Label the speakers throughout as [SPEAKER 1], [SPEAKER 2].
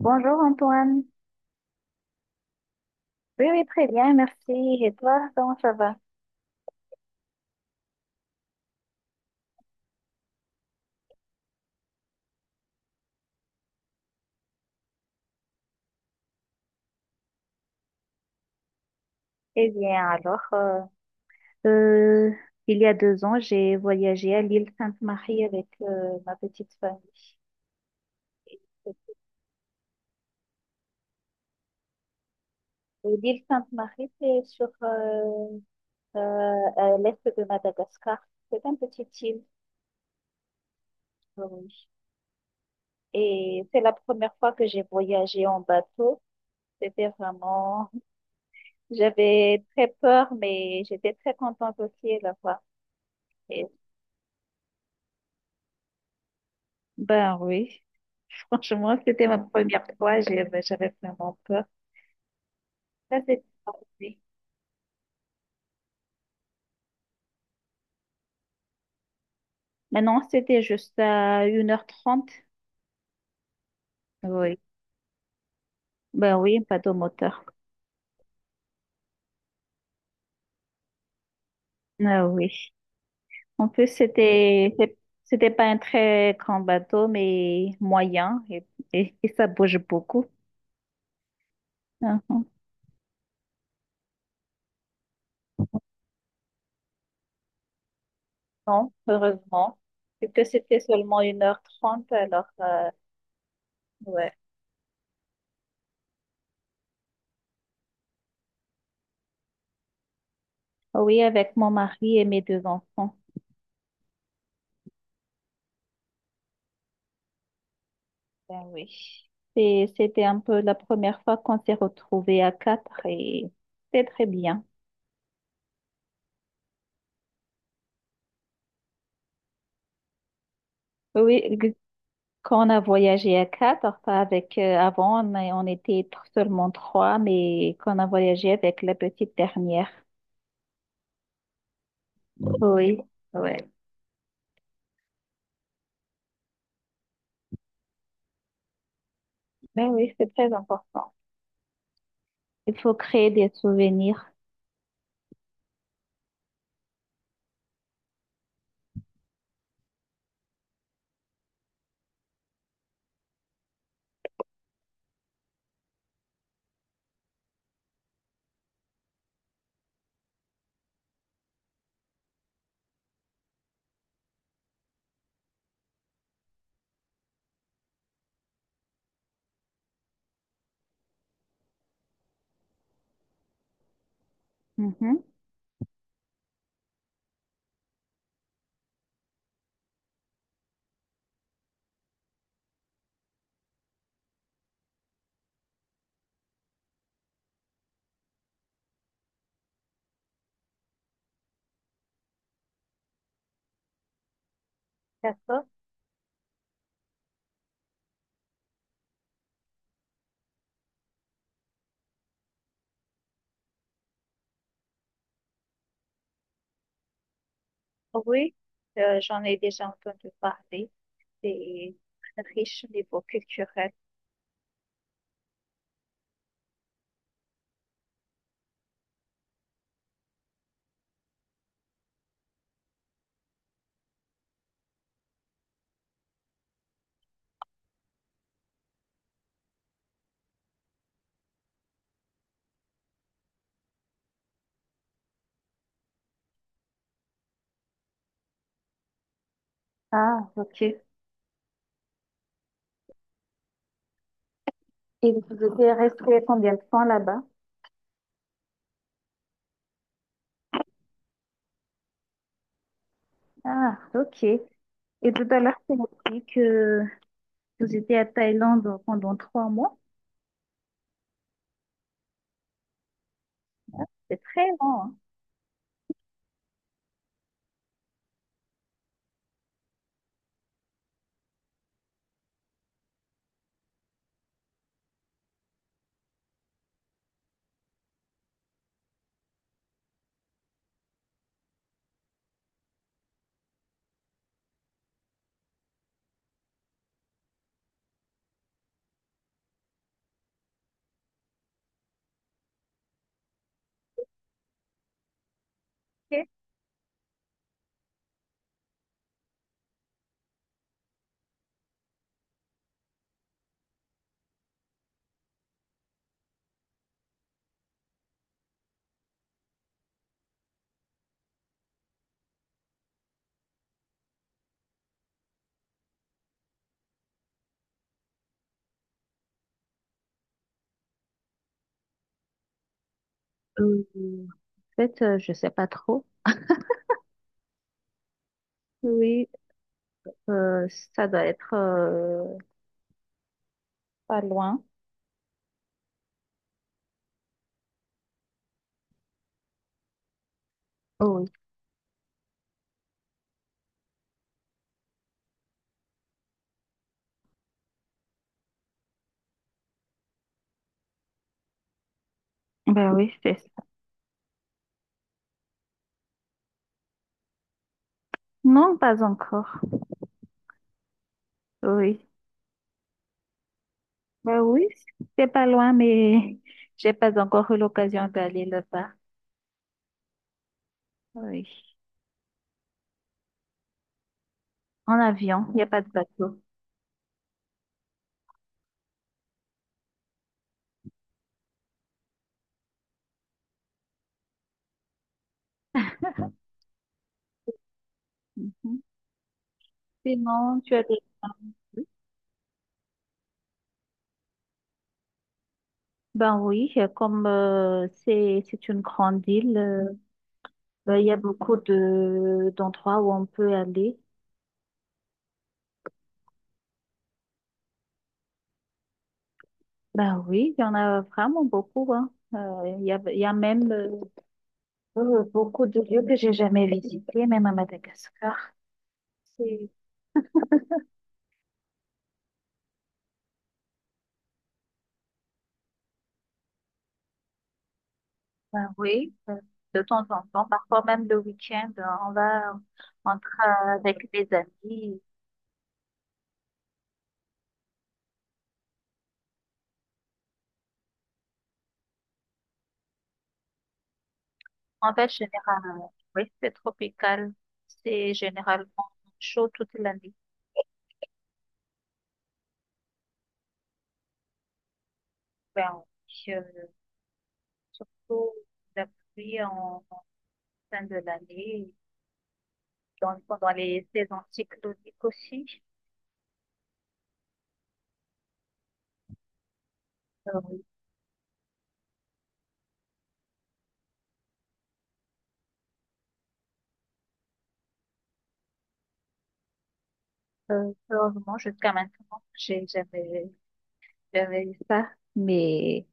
[SPEAKER 1] Bonjour Antoine. Oui, oui, très bien, merci. Et toi, comment ça va? Eh bien, alors, euh, il y a deux ans, j'ai voyagé à l'île Sainte-Marie avec ma petite famille. Et l'île Sainte-Marie, c'est sur euh, à l'est de Madagascar. C'est un petit île. Oui. Et c'est la première fois que j'ai voyagé en bateau. C'était vraiment... J'avais très peur, mais j'étais très contente aussi à la fois. Et- Ben oui. Franchement, c'était ma première fois, j'avais vraiment peur. Ça, c'était parfait. Maintenant, c'était juste à 1h30. Oui. Ben oui, pas de moteur. Ah oui. En plus, c'était c'est- c'était pas un très grand bateau, mais moyen et, et ça bouge beaucoup. Ah, ah. Non, heureusement. Vu que c'était seulement une heure trente alors ouais. Oui, avec mon mari et mes deux enfants. Ben oui. Et c'était un peu la première fois qu'on s'est retrouvés à quatre et c'était très bien. Oui, g- quand on a voyagé à quatre, pas avec, avant, on, a- on était tr- seulement trois, mais quand on a voyagé avec la petite dernière. Oui, ouais. Ben oui, c'est très important. Il faut créer des souvenirs. Mhm. D'accord. Oui, j'en ai déjà entendu parler. C'est riche au niveau culturel. Ah, ok. Et vous étiez resté combien de temps là-bas? Ah, ok. Et tout à l'heure, tu m'as dit que vous étiez à Thaïlande pendant trois mois. C'est très long, hein. Ok. Euh, en fait, je sais pas trop. Oui, euh, ça doit être pas loin. Oh oui. Ben oui, c'est ça. Non, pas encore. Oui. Ben oui, c'est pas loin, mais j'ai pas encore eu l'occasion d'aller là-bas. Oui. En avion, il n'y a pas de bateau. Mhm. Sinon, tu as des... Ben oui, comme c'est une grande île, ben, il y a beaucoup de d'endroits où on peut aller. Ben oui, il y en a vraiment beaucoup, hein. Il y a, même beaucoup de lieux que j'ai jamais visités, même à Madagascar. C'est- Ben oui, de temps en temps, parfois même le week-end, on va entre avec des amis. En fait, généralement, oui, c'est tropical. C'est généralement chaud toute l'année. Ben, oui, surtout la pluie en, en fin de l'année, dans, pendant les saisons cycloniques aussi. Oui. Heureusement, jusqu'à maintenant, j'ai jamais, jamais eu ça. Mais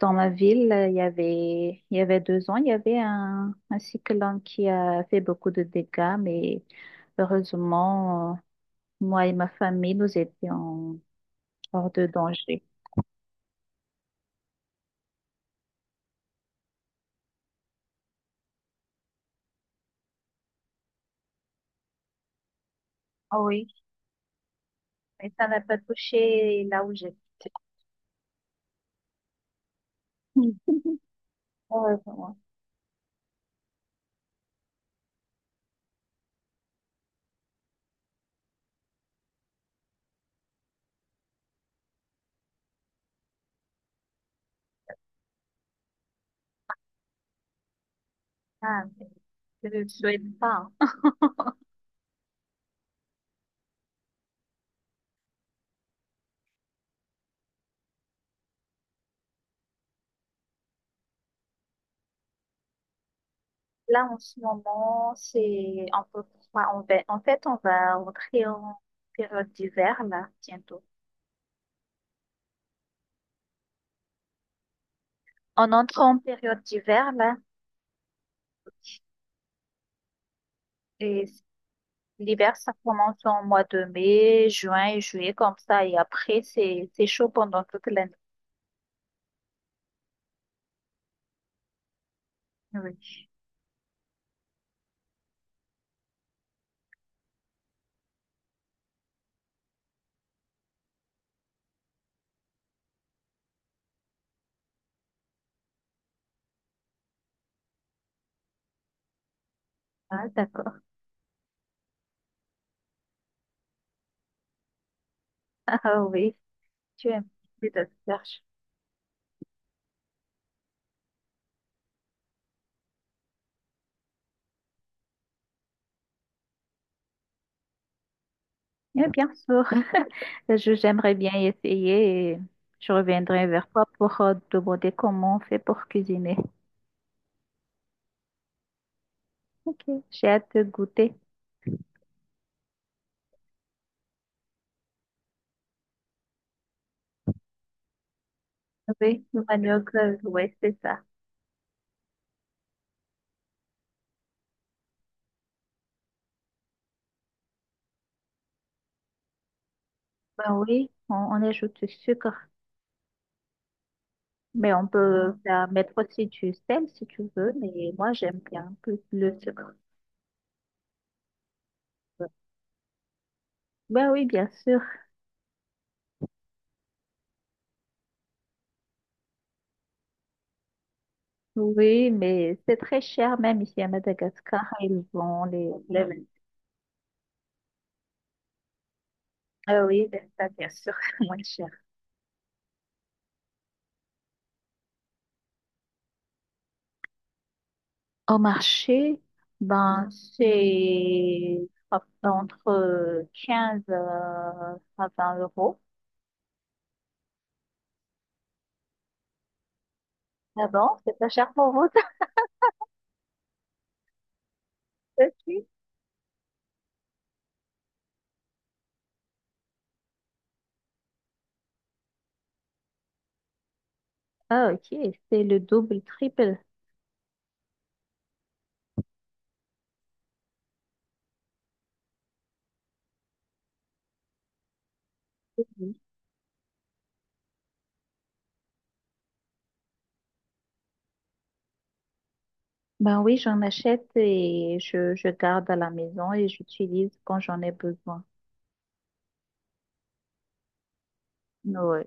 [SPEAKER 1] dans ma ville, il y avait deux ans, il y avait un cyclone qui a fait beaucoup de dégâts, mais heureusement, moi et ma famille, nous étions hors de danger. Ah oui, mais ça n'a pas touché là où j'habite. Hmm. Heureusement. Ah, mais je ne le souhaite pas. Là, en ce moment, c'est un peu froid. On va- En fait, on va rentrer en période d'hiver, là, bientôt. On entre en période d'hiver, là, et l'hiver, ça commence en mois de mai, juin et juillet, comme ça, et après, c'est chaud pendant toute l'année. Oui. Ah, d'accord. Ah oui. Tu aimes cette recherche? Eh bien sûr, je j'aimerais bien essayer et je reviendrai vers toi pour te demander comment on fait pour cuisiner. Ok, j'ai hâte de goûter. Oui, le manioc, oui, c'est ça. Ben oui, on ajoute du sucre, mais on peut mettre aussi du sel si tu veux, mais moi j'aime bien plus le sucre. Ben oui, bien sûr. Oui, mais c'est très cher, même ici à Madagascar, ils vont les... Ah oui, ben ça, bien sûr, moins cher. Au marché, ben, c'est entre 15 à 20 euros. Ah bon, c'est pas cher pour vous, ça aussi? Ah, ok, c'est le double, triple. Oui. Ben oui, j'en achète et je garde à la maison et j'utilise quand j'en ai besoin. Oui,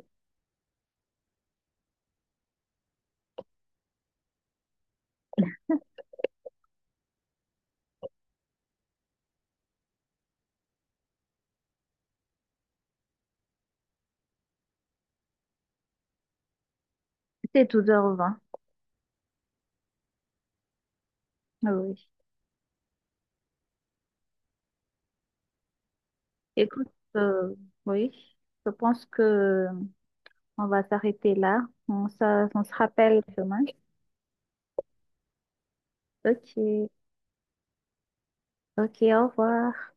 [SPEAKER 1] c'est 12h20. Oui. Écoute, euh, oui, je pense que on va s'arrêter là. On se rappelle demain. Ok, ok, au revoir.